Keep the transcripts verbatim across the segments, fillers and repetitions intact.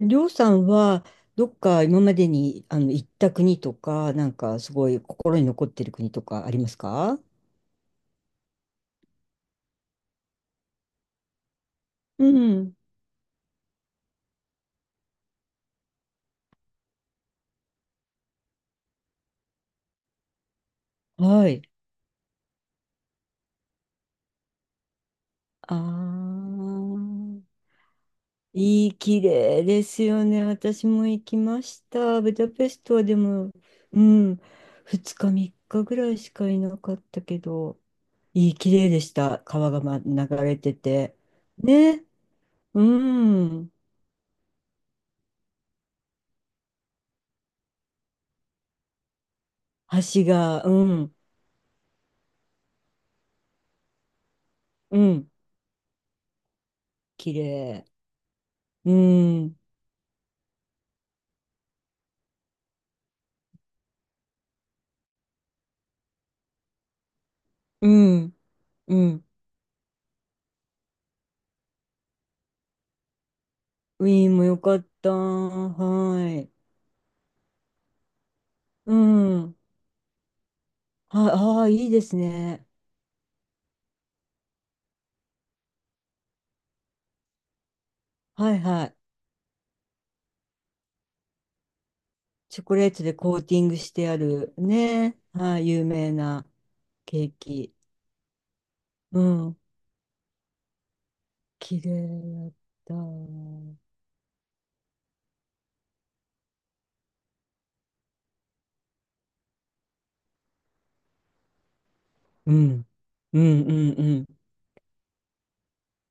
りょうさんは、どっか今までにあの行った国とか、なんかすごい心に残ってる国とかありますか？うん。はい。ああ、いい、綺麗ですよね。私も行きました。ブダペストはでも、うん、ふつかみっかぐらいしかいなかったけど、いい、綺麗でした。川が、ま、流れてて。ね、うん、橋が、うん、うん、綺麗。うん、うん、うん。ウィーンもよかった。はい。うん。はい、ああ、いいですね。はいはい。チョコレートでコーティングしてあるね。はい、有名なケーキ。うん。綺麗だった。うん。うんうんうん。い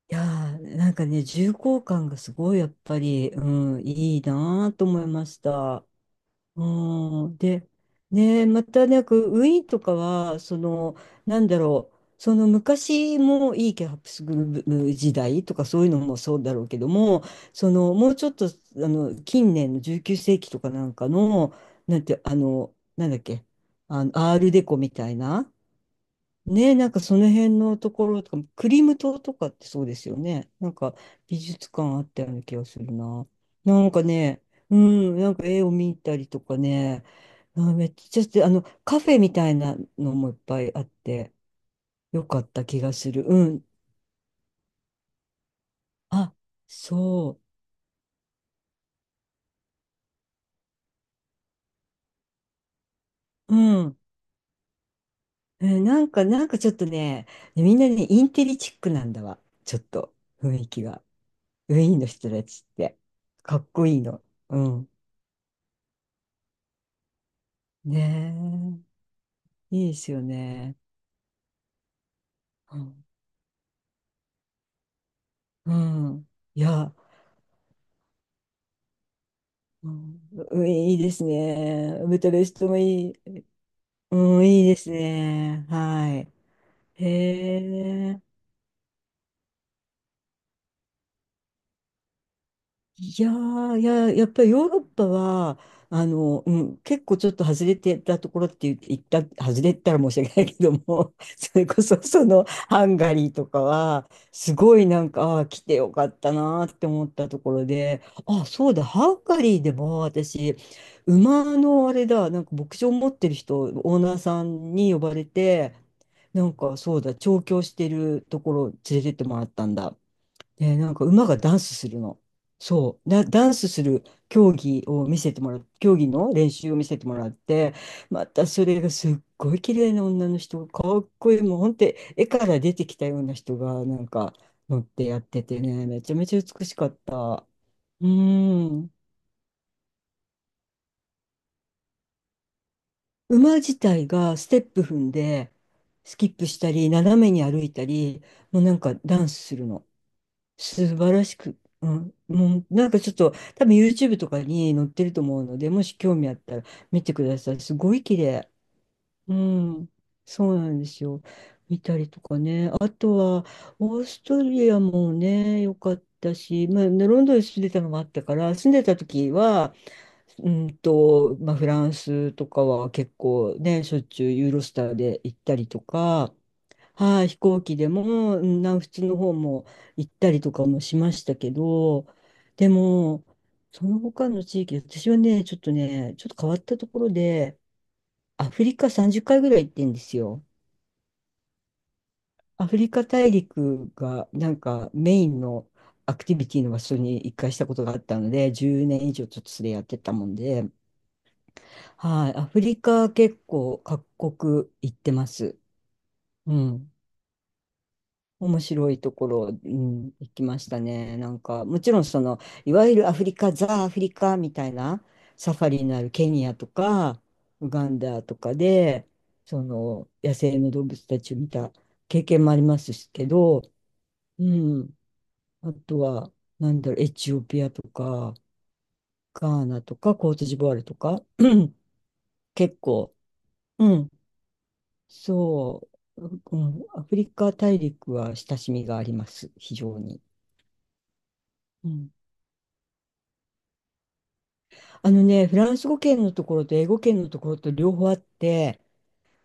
やー、なんかね、重厚感がすごいやっぱり、うん、いいなーと思いました。うん、で、ね、またなんかウィーンとかは、その、なんだろう、その昔もいいケハプスブルク時代とかそういうのもそうだろうけども、その、もうちょっと、あの、近年のじゅうきゅう世紀とかなんかの、なんて、あの、なんだっけ、あの、アールデコみたいな、ねえ、なんかその辺のところとか、クリム島とかってそうですよね。なんか美術館あったような気がするな。なんかね、うん、なんか絵を見たりとかね、あ、めっちゃして、あの、カフェみたいなのもいっぱいあって、よかった気がする。うん。あ、そう。うん。えなんか、なんかちょっとね、ねみんなね、インテリチックなんだわ。ちょっと、雰囲気が。ウィーンの人たちって。かっこいいの。うん。ねえ。いいですよね。うん。うんいや、うん、うんいいですね。ブタレストもいい。うん、いいですね。はい。へえ。いやー、いや、やっぱりヨーロッパは、あの、うん、結構ちょっと外れてたところって言った、外れてたら申し訳ないけども、それこそそのハンガリーとかは、すごいなんか、ああ来てよかったなーって思ったところで、あ、そうだ、ハンガリーでも私、馬のあれだ、なんか牧場持ってる人、オーナーさんに呼ばれて、なんかそうだ、調教してるところ連れてってもらったんだ。で、なんか馬がダンスするの。そう。だ、ダンスする競技を見せてもらう、競技の練習を見せてもらって、またそれがすっごい綺麗な女の人、かっこいい、もう本当に絵から出てきたような人がなんか乗ってやっててね、めちゃめちゃ美しかった。うん。馬自体がステップ踏んで、スキップしたり、斜めに歩いたり、もうなんかダンスするの。素晴らしく、うん、もうなんかちょっと多分 YouTube とかに載ってると思うので、もし興味あったら見てください。すごい綺麗。うん、そうなんですよ。見たりとかね。あとは、オーストリアもね、良かったし、まあ、ねロンドンに住んでたのもあったから、住んでた時は、うんと、まあ、フランスとかは結構ね、しょっちゅうユーロスターで行ったりとか、はい、飛行機でも、うん南仏の方も行ったりとかもしましたけど、でも、その他の地域、私はね、ちょっとね、ちょっと変わったところで、アフリカさんじゅっかいぐらい行ってんですよ。アフリカ大陸がなんかメインのアクティビティの場所に一回したことがあったので、じゅうねん以上ちょっとそれやってたもんで、はい、アフリカ結構各国行ってます。うん。面白いところ、うん、行きましたね。なんか、もちろんその、いわゆるアフリカ、ザ・アフリカみたいなサファリになるケニアとか、ウガンダとかで、その、野生の動物たちを見た経験もありますけど、うん、あとは、なんだろう、エチオピアとか、ガーナとか、コートジボワールとか、結構、うん、そう、うん、アフリカ大陸は親しみがあります、非常に。うんあのね、フランス語圏のところと英語圏のところと両方あって、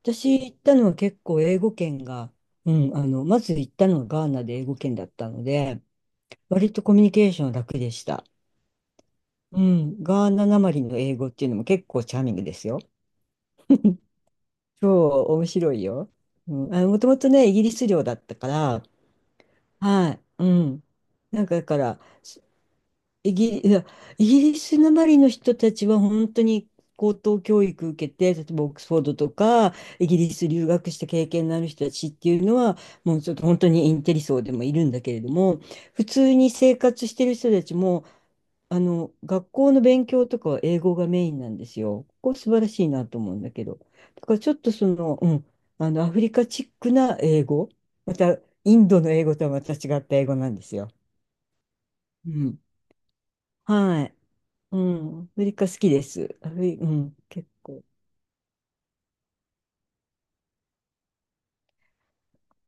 私行ったのは結構英語圏が、うん、あの、まず行ったのはガーナで英語圏だったので、割とコミュニケーション楽でした。うん、ガーナなまりの英語っていうのも結構チャーミングですよ。そう、面白いよ。うん、あの、もともとね、イギリス領だったから、はい、うん。なんかだから、イギリ、いやイギリスなまりの人たちは本当に高等教育受けて、例えばオックスフォードとか、イギリス留学した経験のある人たちっていうのは、もうちょっと本当にインテリ層でもいるんだけれども、普通に生活してる人たちも、あの、学校の勉強とかは英語がメインなんですよ。ここ素晴らしいなと思うんだけど。だからちょっとその、うん、あの、アフリカチックな英語、また、インドの英語とはまた違った英語なんですよ。うん。はい。うん、アフリカ好きです。アフリ、うん、結構。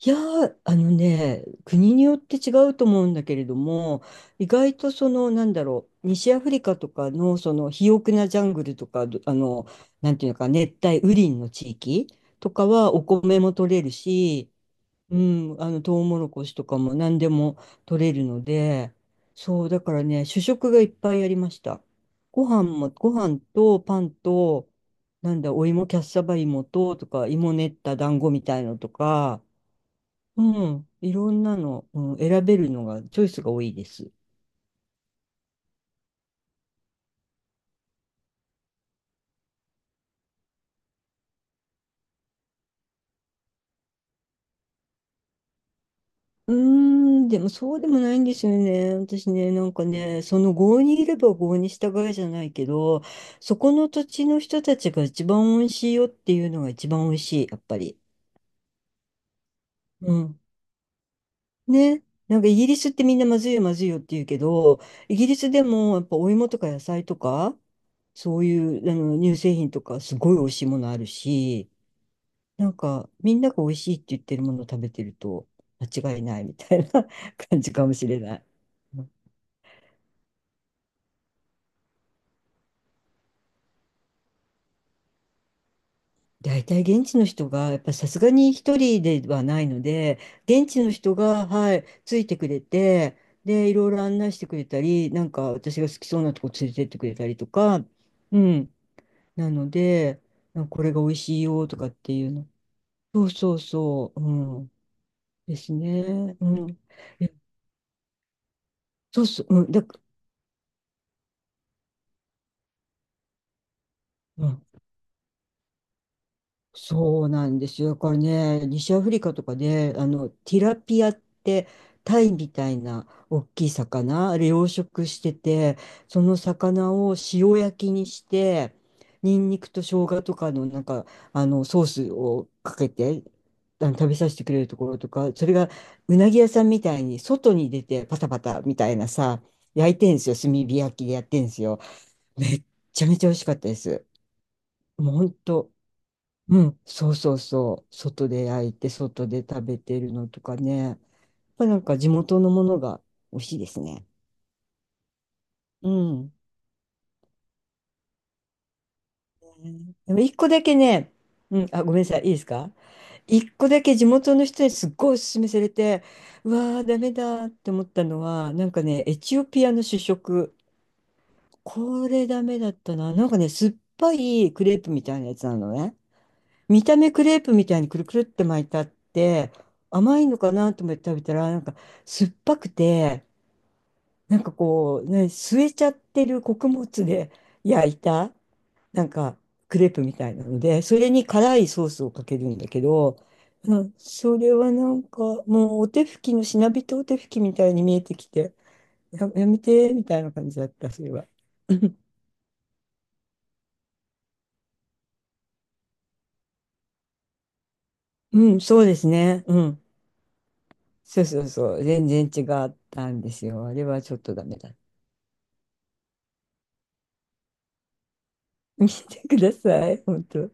いやー、あのね、国によって違うと思うんだけれども、意外とその、なんだろう、西アフリカとかの、その、肥沃なジャングルとか、どあの、なんていうのか、熱帯雨林の地域とかは、お米も取れるし、うん、あの、トウモロコシとかも何でも取れるので、そう、だからね、主食がいっぱいありました。ご飯も、ご飯とパンと、なんだ、お芋、キャッサバ芋と、とか、芋練った団子みたいのとか、うん、いろんなの、うん、選べるのが、チョイスが多いです。うーん、でもそうでもないんですよね。私ね、なんかね、その郷にいれば郷に従えじゃないけど、そこの土地の人たちが一番美味しいよっていうのが一番美味しい、やっぱり。うん。ね。なんかイギリスってみんなまずいよまずいよって言うけど、イギリスでもやっぱお芋とか野菜とか、そういうあの乳製品とかすごい美味しいものあるし、なんかみんなが美味しいって言ってるものを食べてると間違いないみたいな 感じかもしれない。大体現地の人が、やっぱさすがに一人ではないので、現地の人が、はい、ついてくれて、で、いろいろ案内してくれたり、なんか私が好きそうなとこ連れてってくれたりとか、うん。なので、なんかこれが美味しいよとかっていうの。そうそうそう、うん。ですね。うん。えそうそう、うん。だ、うん。そうなんですよ。だからね、西アフリカとかで、あの、ティラピアって、タイみたいな大きい魚、あれ養殖してて、その魚を塩焼きにして、ニンニクと生姜とかの、なんか、あの、ソースをかけて、あの、食べさせてくれるところとか、それがうなぎ屋さんみたいに外に出てパタパタみたいなさ、焼いてんですよ。炭火焼きでやってんですよ。めっちゃめちゃ美味しかったです。もう本当うん、そうそうそう。外で焼いて、外で食べてるのとかね。やっぱなんか地元のものが美味しいですね。うん。でも一個だけね、うん、あ、ごめんなさい、いいですか？一個だけ地元の人にすっごいおすすめされて、うわー、ダメだって思ったのは、なんかね、エチオピアの主食。これダメだったな。なんかね、酸っぱいクレープみたいなやつなのね。見た目クレープみたいにくるくるって巻いてあって、甘いのかなと思って食べたら、なんか酸っぱくて、なんかこう、ね、吸えちゃってる穀物で 焼いた、なんかクレープみたいなので、それに辛いソースをかけるんだけど、うん、それはなんかもうお手拭きのしなびとお手拭きみたいに見えてきて、や、やめてみたいな感じだった、それは。うんうん、そうですね。うん。そうそうそう。全然違ったんですよ。あれはちょっとダメだった。見てください、本当。